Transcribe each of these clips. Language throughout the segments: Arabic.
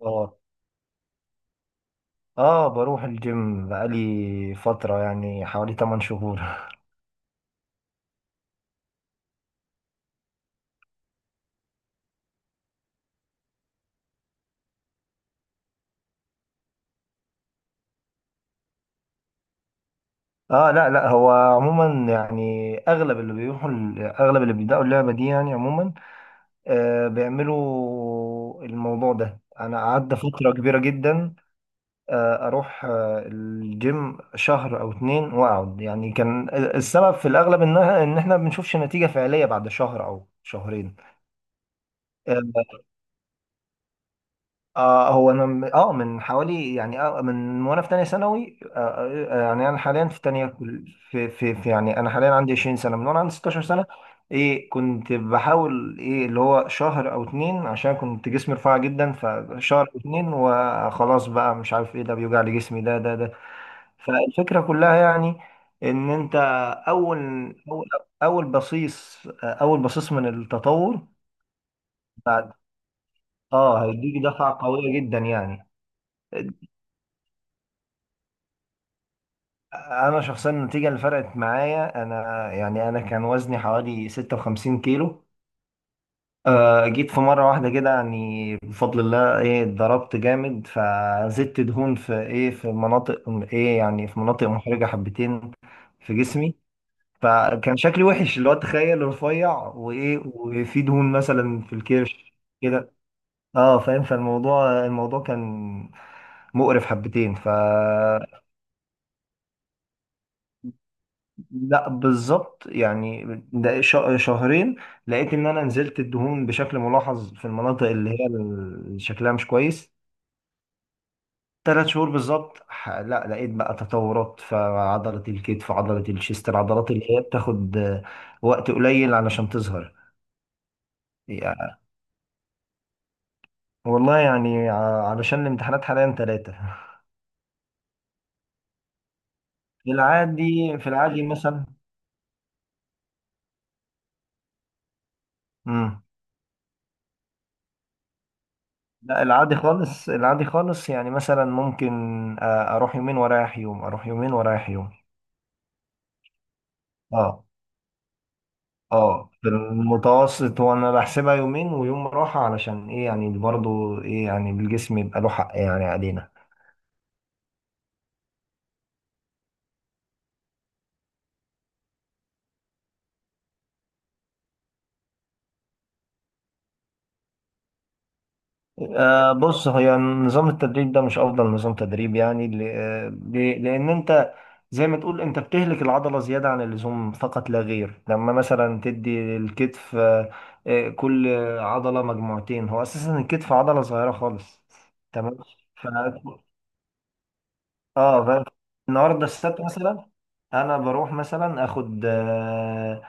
اه، اه، بروح الجيم بقالي فترة يعني حوالي 8 شهور اه، لا، لا، هو عموما يعني اغلب اللي بيبدأوا اللعبة دي يعني عموما، بيعملوا الموضوع ده. انا قعدت فترة كبيرة جدا، اروح الجيم شهر او اتنين واقعد، يعني كان السبب في الاغلب ان احنا ما بنشوفش نتيجة فعلية بعد شهر او شهرين. آه، هو انا من حوالي يعني من وانا في تانية ثانوي، يعني انا حاليا في يعني انا حاليا عندي 20 سنة من وانا عندي 16 سنة. ايه كنت بحاول ايه اللي هو شهر او اتنين، عشان كنت جسمي رفيع جدا، فشهر او اتنين وخلاص بقى مش عارف ايه ده، بيوجع لي جسمي ده. فالفكرة كلها يعني ان انت اول اول اول بصيص اول بصيص من التطور. بعد اه، هيديك دفعة قوية جدا يعني. انا شخصيا النتيجه اللي فرقت معايا انا يعني انا كان وزني حوالي 56 كيلو. جيت في مره واحده كده يعني بفضل الله، ايه، اتضربت جامد، فزدت دهون في ايه، في مناطق، ايه، يعني في مناطق محرجه حبتين في جسمي. فكان شكلي وحش، اللي هو تخيل رفيع وايه، وفي دهون مثلا في الكرش كده. اه فاهم. فالموضوع، الموضوع كان مقرف حبتين، ف... لا، بالظبط يعني ده شهرين لقيت ان انا نزلت الدهون بشكل ملاحظ في المناطق اللي هي اللي شكلها مش كويس. ثلاث شهور بالظبط، لا لقيت بقى تطورات في عضلة الكتف، عضلة الشيست، العضلات اللي هي بتاخد وقت قليل علشان تظهر. يعني والله يعني علشان الامتحانات حاليا ثلاثة. في العادي، مثلا، امم لا العادي خالص، العادي خالص، يعني مثلا ممكن اروح يومين ورايح يوم، اروح يومين ورايح يوم. اه، اه، في المتوسط وانا بحسبها يومين ويوم راحة علشان ايه يعني، برضو ايه يعني الجسم يبقى له حق يعني علينا. بص، هي نظام التدريب ده مش افضل نظام تدريب يعني، لان انت زي ما تقول انت بتهلك العضلة زيادة عن اللزوم فقط لا غير، لما مثلا تدي الكتف كل عضلة مجموعتين. هو اساسا الكتف عضلة صغيرة خالص. تمام. اه فاهم. النهارده السبت مثلا، انا بروح مثلا اخد آه،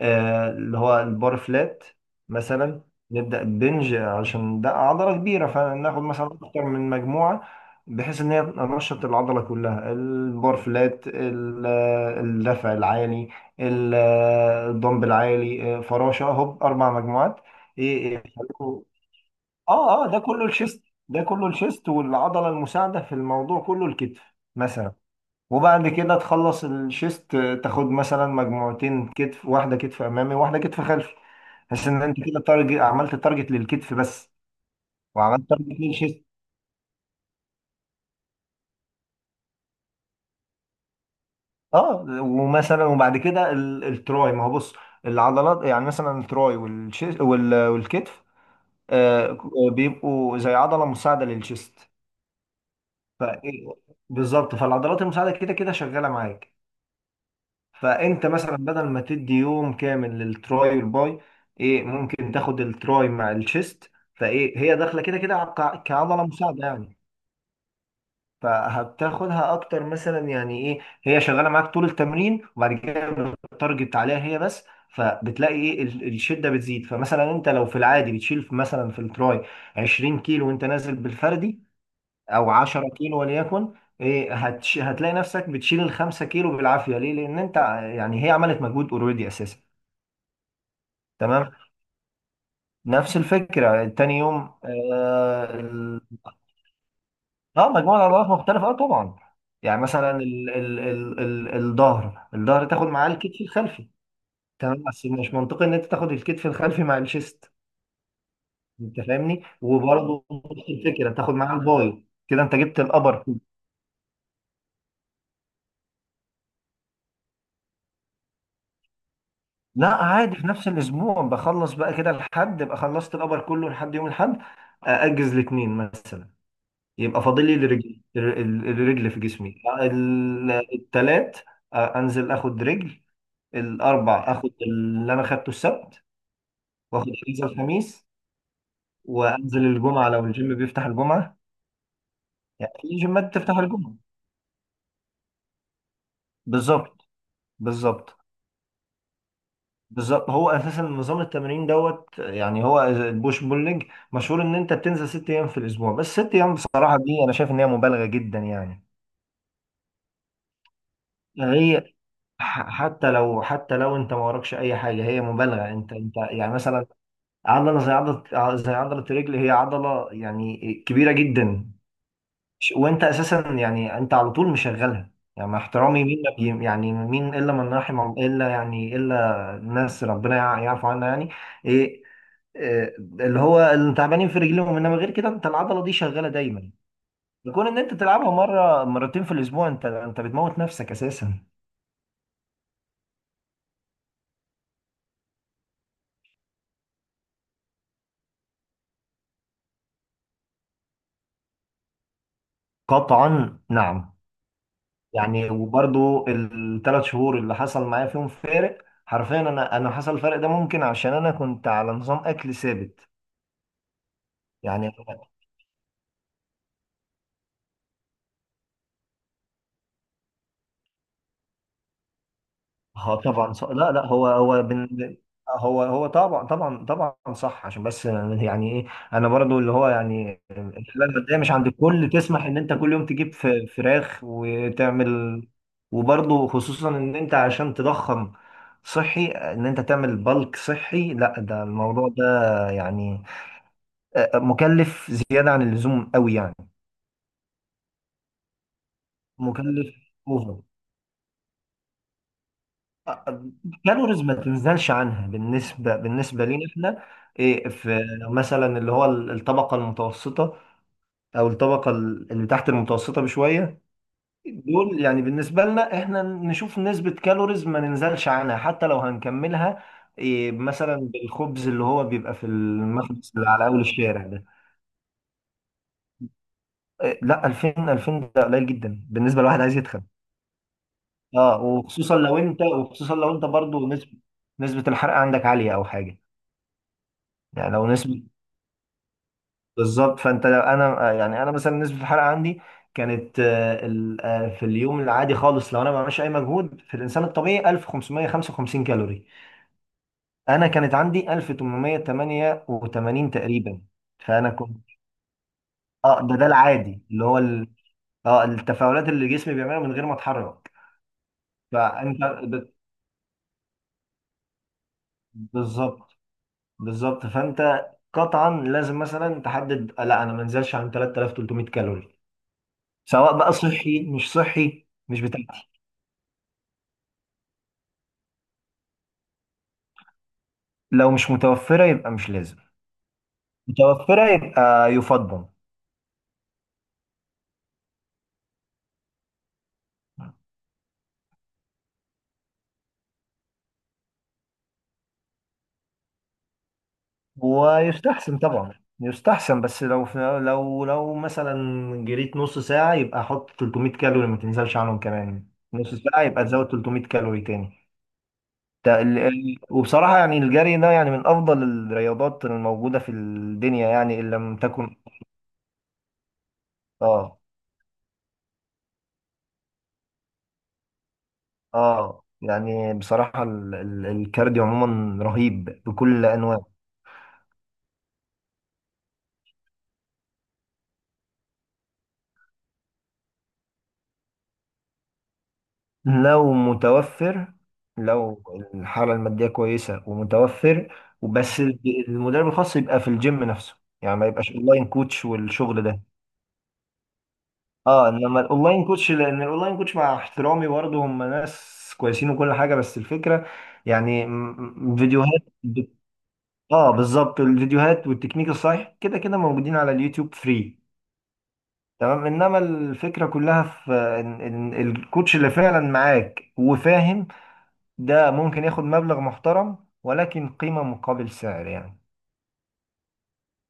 آه، اللي هو البار فلات مثلا. نبدا بنج عشان ده عضله كبيره، فناخد مثلا اكتر من مجموعه بحيث ان هي تنشط العضله كلها. البار فلات، الدفع العالي، الدمب العالي، فراشه، هوب اربع مجموعات. ايه، إيه، اه، اه، ده كله الشيست، ده كله الشيست والعضله المساعده في الموضوع كله الكتف. مثلا وبعد كده تخلص الشيست، تاخد مثلا مجموعتين كتف، واحده كتف امامي وواحده كتف خلفي، بحيث ان انت كده تارجت، عملت تارجت للكتف بس وعملت تارجت للشيست. اه، ومثلا وبعد كده التراي، ما هو بص العضلات يعني مثلا التراي والشيست والكتف آه بيبقوا زي عضله مساعده للشيست. ف بالظبط، فالعضلات المساعده كده كده شغاله معاك. فانت مثلا بدل ما تدي يوم كامل للتراي والباي، ايه، ممكن تاخد التراي مع الشيست، فايه هي داخله كده كده كعضله مساعده يعني. فهتاخدها اكتر مثلا، يعني ايه هي شغاله معاك طول التمرين، وبعد كده بتارجت عليها هي بس. فبتلاقي ايه الشده بتزيد، فمثلا انت لو في العادي بتشيل مثلا في التراي 20 كيلو وانت نازل بالفردي او 10 كيلو وليكن، إيه، هتلاقي نفسك بتشيل الخمسة كيلو بالعافية. ليه؟ لأن أنت يعني هي عملت مجهود أوريدي أساسا. تمام؟ نفس الفكرة تاني يوم، آه, ال- مجموعة العضلات مختلفة، آه طبعا. يعني مثلا الظهر، الظهر تاخد معاه الكتف الخلفي. تمام بس مش منطقي إن أنت تاخد الكتف الخلفي مع الشيست. أنت فاهمني؟ وبرضه نفس الفكرة تاخد معاه الباي، كده أنت جبت الأبر. لا عادي في نفس الاسبوع بخلص بقى كده، الحد ابقى خلصت القبر كله لحد يوم الحد. اجز الاثنين مثلا، يبقى فاضل لي الرجل، الرجل في جسمي. الثلاث انزل اخد رجل. الاربع اخد اللي انا خدته السبت. واخد اجازه الخميس، وانزل الجمعه لو الجيم بيفتح الجمعه، يعني في جيمات بتفتح الجمعه. بالظبط، بالظبط، بالظبط. هو اساسا نظام التمرين دوت يعني هو البوش بول ليج، مشهور ان انت بتنزل ست ايام في الاسبوع، بس ست ايام بصراحه دي انا شايف ان هي مبالغه جدا يعني. هي حتى لو انت ما وراكش اي حاجه، هي مبالغه. انت يعني مثلا عضله الرجل هي عضله يعني كبيره جدا. وانت اساسا يعني انت على طول مشغلها، يعني مع احترامي مين ما يعني مين الا من الا يعني الا الناس ربنا يعرف عنها يعني، ايه، إيه، اللي هو اللي تعبانين في رجليهم، انما غير كده انت العضله دي شغاله دايما، يكون ان انت تلعبها مره مرتين في الاسبوع انت بتموت نفسك اساسا. قطعا نعم. يعني وبرضو الثلاث شهور اللي حصل معايا فيهم فارق، حرفيا انا حصل الفرق ده ممكن عشان انا كنت على نظام اكل ثابت يعني. اه طبعا صح. لا، لا، هو هو طبعا طبعا طبعا صح، عشان بس يعني ايه انا برضو اللي هو يعني الحاله الماديه مش عند الكل تسمح ان انت كل يوم تجيب فراخ وتعمل. وبرضو خصوصا ان انت عشان تضخم صحي، ان انت تعمل بلك صحي، لا ده الموضوع ده يعني مكلف زياده عن اللزوم قوي يعني. مكلف اوفر. كالوريز ما تنزلش عنها، بالنسبه لينا احنا، إيه، في مثلا اللي هو الطبقه المتوسطه او الطبقه اللي تحت المتوسطه بشويه، دول يعني بالنسبه لنا احنا نشوف نسبه كالوريز ما ننزلش عنها حتى لو هنكملها، إيه، مثلا بالخبز اللي هو بيبقى في المخبز اللي على اول الشارع ده. إيه لا، 2000، 2000 ده قليل جدا بالنسبه لواحد عايز يتخن. اه، وخصوصا لو انت برضو نسبه الحرق عندك عاليه او حاجه. يعني لو نسبة، بالظبط، فانت لو انا يعني انا مثلا نسبه الحرق عندي كانت في اليوم العادي خالص لو انا ما بعملش اي مجهود في الانسان الطبيعي 1555 كالوري، انا كانت عندي 1888 تقريبا. فانا كنت، اه ده العادي اللي هو اه التفاعلات اللي جسمي بيعملها من غير ما اتحرك. فانت بالظبط، بالظبط فانت قطعا لازم مثلا تحدد، لا انا ما انزلش عن 3300 كالوري، سواء بقى صحي مش صحي مش بتاع. لو مش متوفرة يبقى مش لازم، متوفرة يبقى يفضل. ويستحسن طبعا، يستحسن بس لو، مثلا جريت نص ساعة يبقى حط 300 كالوري ما تنزلش عنهم كمان. نص ساعة يبقى تزود 300 كالوري تاني. ده وبصراحة يعني الجري ده يعني من أفضل الرياضات الموجودة في الدنيا، يعني إن لم تكن. آه يعني بصراحة الكارديو عموما رهيب بكل أنواعه. لو متوفر، لو الحالة المادية كويسة ومتوفر، وبس، المدرب الخاص يبقى في الجيم نفسه، يعني ما يبقاش اونلاين كوتش والشغل ده. اه، انما الاونلاين كوتش، مع احترامي برضه هم ناس كويسين وكل حاجة، بس الفكرة يعني فيديوهات اه بالظبط، الفيديوهات والتكنيك الصحيح كده كده موجودين على اليوتيوب فري. تمام انما الفكرة كلها في إن الكوتش اللي فعلا معاك وفاهم ده ممكن ياخد مبلغ محترم، ولكن قيمة مقابل سعر يعني.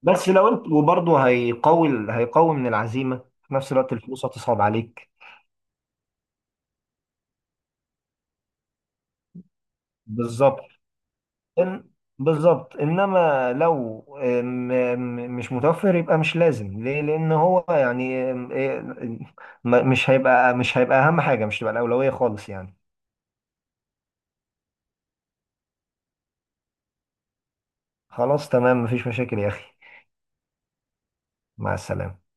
بس لو انت، وبرضه هيقوي من العزيمة، في نفس الوقت الفلوس هتصعب عليك. بالظبط، إن بالظبط، انما لو مش متوفر يبقى مش لازم، ليه؟ لان هو يعني مش هيبقى اهم حاجة، مش هتبقى الأولوية خالص يعني. خلاص تمام، مفيش مشاكل يا اخي. مع السلامة.